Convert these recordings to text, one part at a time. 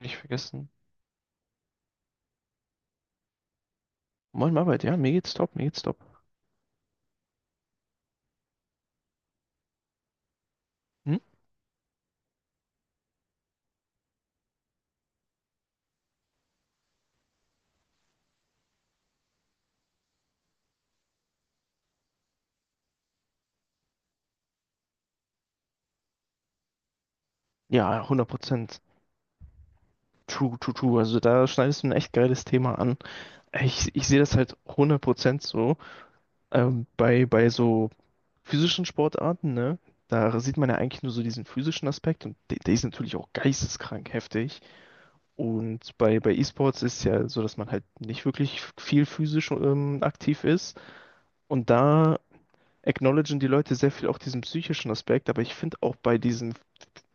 Nicht vergessen. Moin Marbert, ja, mir geht's top, mir geht's top. Hm? Ja, 100%. True, true, true. Also da schneidest du ein echt geiles Thema an. Ich sehe das halt 100% so. Bei so physischen Sportarten, ne? Da sieht man ja eigentlich nur so diesen physischen Aspekt und der ist natürlich auch geisteskrank heftig. Und bei E-Sports ist ja so, dass man halt nicht wirklich viel physisch aktiv ist. Und da acknowledgen die Leute sehr viel auch diesen psychischen Aspekt, aber ich finde auch bei diesen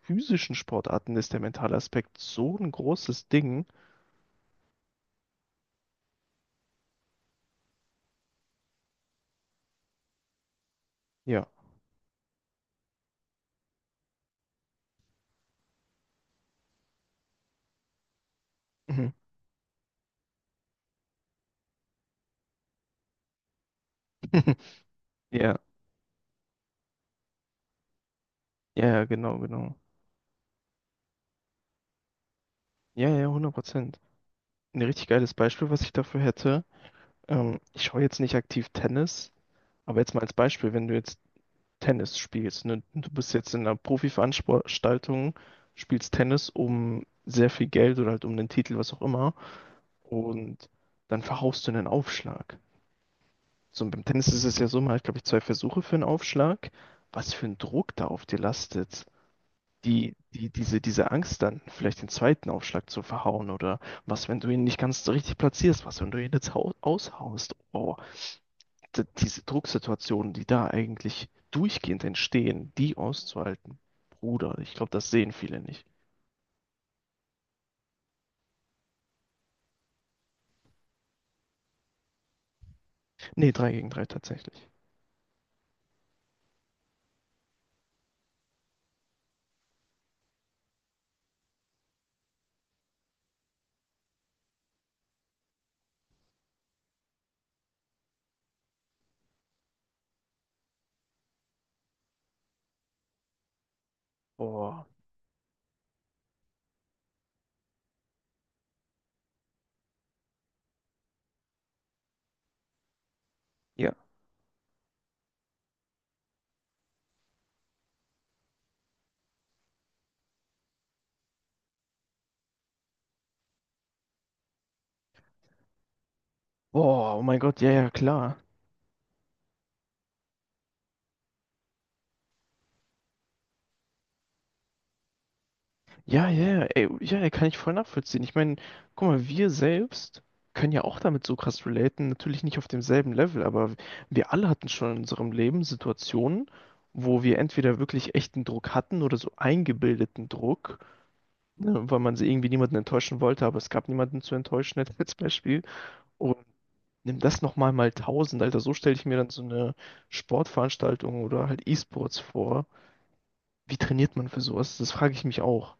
physischen Sportarten ist der mentale Aspekt so ein großes Ding. Ja. Mhm. Ja, ja, ja, genau, genau. Ja, ja, hundert Prozent. Ein richtig geiles Beispiel, was ich dafür hätte. Ich schaue jetzt nicht aktiv Tennis, aber jetzt mal als Beispiel, wenn du jetzt Tennis spielst, ne, du bist jetzt in einer Profiveranstaltung, spielst Tennis um sehr viel Geld oder halt um den Titel, was auch immer, und dann verhaust du einen Aufschlag. So, und beim Tennis ist es ja so, man hat, glaube ich, zwei Versuche für einen Aufschlag. Was für ein Druck da auf dir lastet. Diese Angst dann, vielleicht den zweiten Aufschlag zu verhauen oder was, wenn du ihn nicht ganz so richtig platzierst, was, wenn du ihn jetzt aushaust. Oh, diese Drucksituationen, die da eigentlich durchgehend entstehen, die auszuhalten. Bruder, ich glaube, das sehen viele nicht. Nee, drei gegen drei tatsächlich. Oh, ja. Oh, oh mein Gott, ja, ja, klar. Ja, ja, ja, ey, ja, ja, kann ich voll nachvollziehen. Ich meine, guck mal, wir selbst können ja auch damit so krass relaten, natürlich nicht auf demselben Level, aber wir alle hatten schon in unserem Leben Situationen, wo wir entweder wirklich echten Druck hatten oder so eingebildeten Druck, ne, weil man sie irgendwie niemanden enttäuschen wollte, aber es gab niemanden zu enttäuschen, jetzt als Beispiel. Und nimm das nochmal mal tausend, Alter, so stelle ich mir dann so eine Sportveranstaltung oder halt E-Sports vor. Wie trainiert man für sowas? Das frage ich mich auch.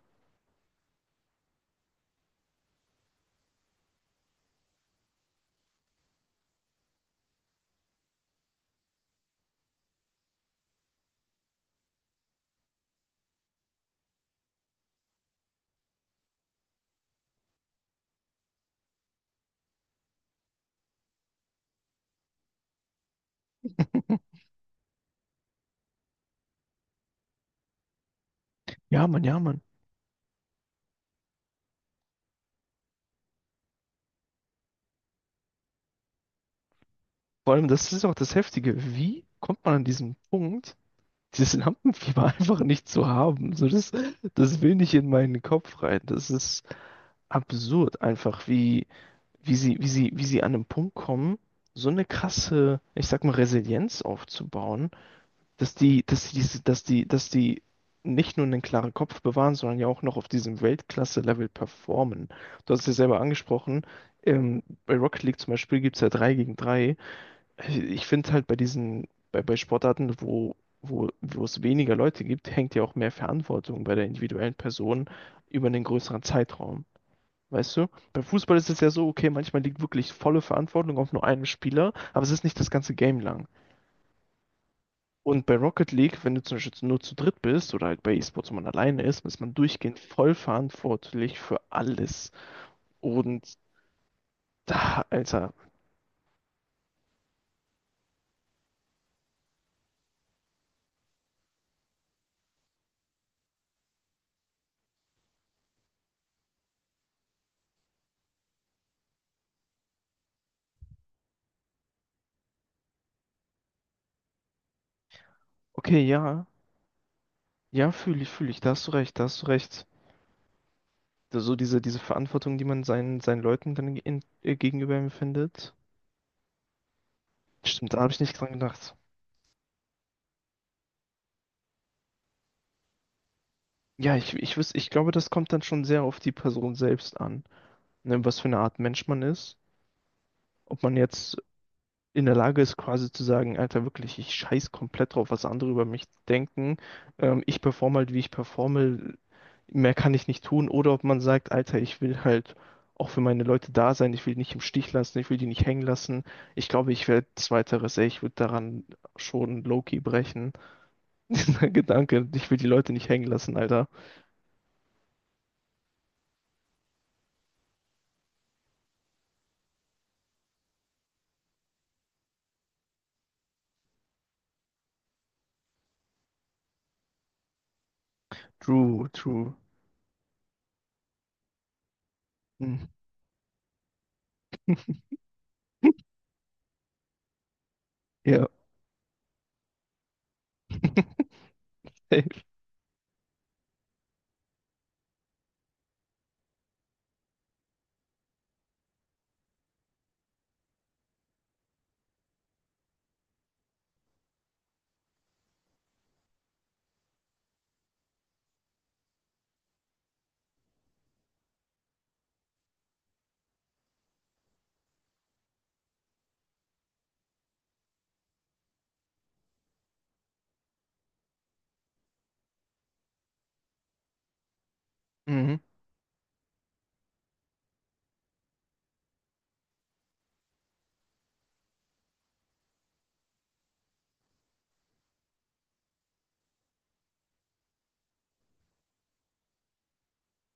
Ja, Mann, ja, Mann. Vor allem, das ist auch das Heftige. Wie kommt man an diesen Punkt, dieses Lampenfieber einfach nicht zu haben? So, das will nicht in meinen Kopf rein. Das ist absurd einfach, wie sie an einen Punkt kommen, so eine krasse, ich sag mal, Resilienz aufzubauen, dass die, diese- dass die nicht nur einen klaren Kopf bewahren, sondern ja auch noch auf diesem Weltklasse-Level performen. Du hast es ja selber angesprochen, bei Rocket League zum Beispiel gibt es ja 3 gegen 3. Ich finde halt bei Sportarten, wo es weniger Leute gibt, hängt ja auch mehr Verantwortung bei der individuellen Person über einen größeren Zeitraum. Weißt du? Beim Fußball ist es ja so, okay, manchmal liegt wirklich volle Verantwortung auf nur einem Spieler, aber es ist nicht das ganze Game lang. Und bei Rocket League, wenn du zum Beispiel nur zu dritt bist oder halt bei E-Sports, wo man alleine ist, ist man durchgehend voll verantwortlich für alles. Und da, Alter, okay, ja, ja, fühle ich, da hast du recht, da hast du recht. So diese Verantwortung, die man seinen Leuten dann gegenüber empfindet. Stimmt, da habe ich nicht dran gedacht. Ja, ich glaube, das kommt dann schon sehr auf die Person selbst an, ne, was für eine Art Mensch man ist. Ob man jetzt in der Lage ist, quasi zu sagen, Alter, wirklich, ich scheiß komplett drauf, was andere über mich denken. Ich performe halt, wie ich performe, mehr kann ich nicht tun. Oder ob man sagt, Alter, ich will halt auch für meine Leute da sein, ich will die nicht im Stich lassen, ich will die nicht hängen lassen. Ich glaube, ich werde zweiteres, ey, ich würde daran schon low-key brechen. Dieser Gedanke, ich will die Leute nicht hängen lassen, Alter. True, true. Mhm. Ja. Safe. Mhm.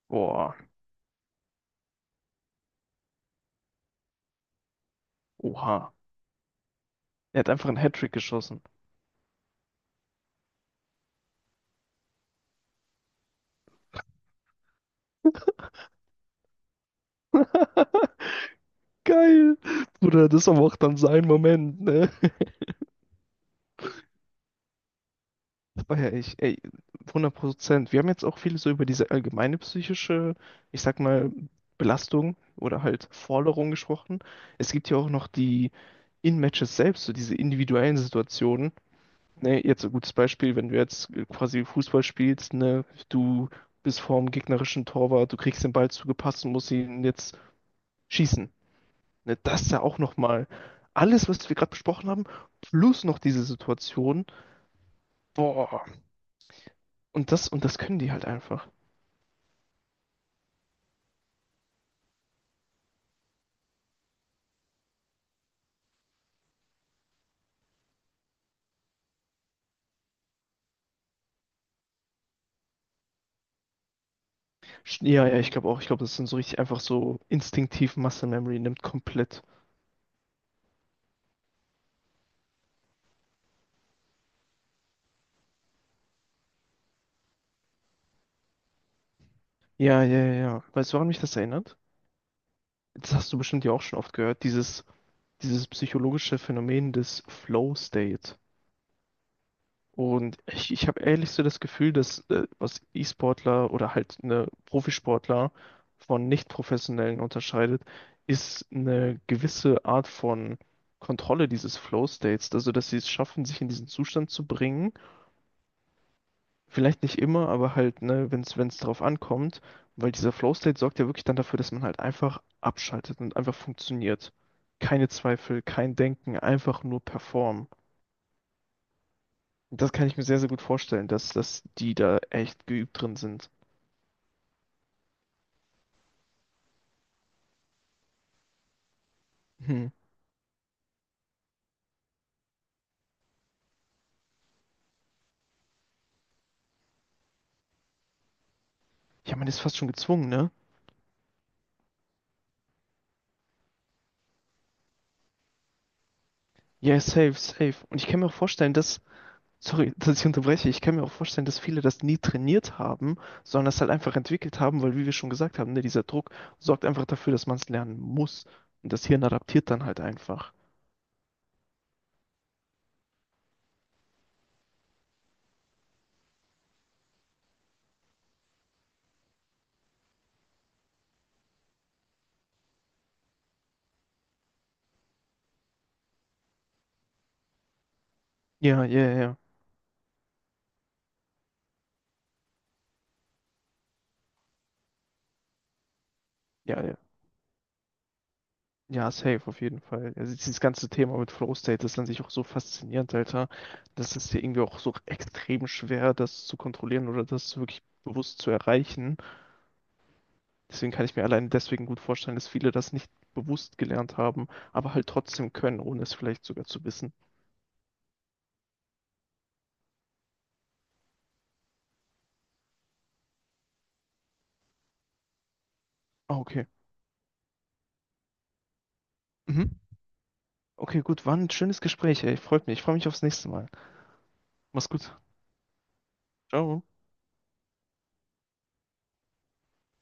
Boah, oha. Er hat einfach einen Hattrick geschossen. Geil. Bruder, das ist aber auch dann sein Moment, ne? Das feier ich. Ey, 100%. Wir haben jetzt auch viel so über diese allgemeine psychische, ich sag mal, Belastung oder halt Forderung gesprochen. Es gibt ja auch noch die In-Matches selbst, so diese individuellen Situationen. Ne, jetzt so ein gutes Beispiel, wenn du jetzt quasi Fußball spielst, ne, du bist vorm gegnerischen Torwart, du kriegst den Ball zugepasst und musst ihn jetzt schießen. Ne, das ist ja auch nochmal alles, was wir gerade besprochen haben, plus noch diese Situation. Boah, und das können die halt einfach. Ja, ja, ich glaube auch. Ich glaube, das sind so richtig einfach so instinktiv Muscle Memory, nimmt komplett. Ja, ja, ja, ja. Weißt du, woran mich das erinnert? Das hast du bestimmt ja auch schon oft gehört, dieses psychologische Phänomen des Flow State. Und ich habe ehrlich so das Gefühl, dass was E-Sportler oder halt eine Profisportler von Nicht-Professionellen unterscheidet, ist eine gewisse Art von Kontrolle dieses Flow-States. Also, dass sie es schaffen, sich in diesen Zustand zu bringen. Vielleicht nicht immer, aber halt, ne, wenn es darauf ankommt, weil dieser Flow-State sorgt ja wirklich dann dafür, dass man halt einfach abschaltet und einfach funktioniert. Keine Zweifel, kein Denken, einfach nur performen. Das kann ich mir sehr, sehr gut vorstellen, dass die da echt geübt drin sind. Hm. Ja, man ist fast schon gezwungen, ne? Ja, safe, safe. Und ich kann mir auch vorstellen, dass, sorry, dass ich unterbreche, ich kann mir auch vorstellen, dass viele das nie trainiert haben, sondern das halt einfach entwickelt haben, weil, wie wir schon gesagt haben, ne, dieser Druck sorgt einfach dafür, dass man es lernen muss. Und das Hirn adaptiert dann halt einfach. Ja, ja, ja. Ja, ja. Ja, safe, auf jeden Fall. Also dieses ganze Thema mit Flow State ist an sich auch so faszinierend, Alter. Das ist ja irgendwie auch so extrem schwer, das zu kontrollieren oder das wirklich bewusst zu erreichen. Deswegen kann ich mir allein deswegen gut vorstellen, dass viele das nicht bewusst gelernt haben, aber halt trotzdem können, ohne es vielleicht sogar zu wissen. Ah, okay. Mhm. Okay, gut, war ein schönes Gespräch, ey. Freut mich. Ich freue mich aufs nächste Mal. Mach's gut. Ciao.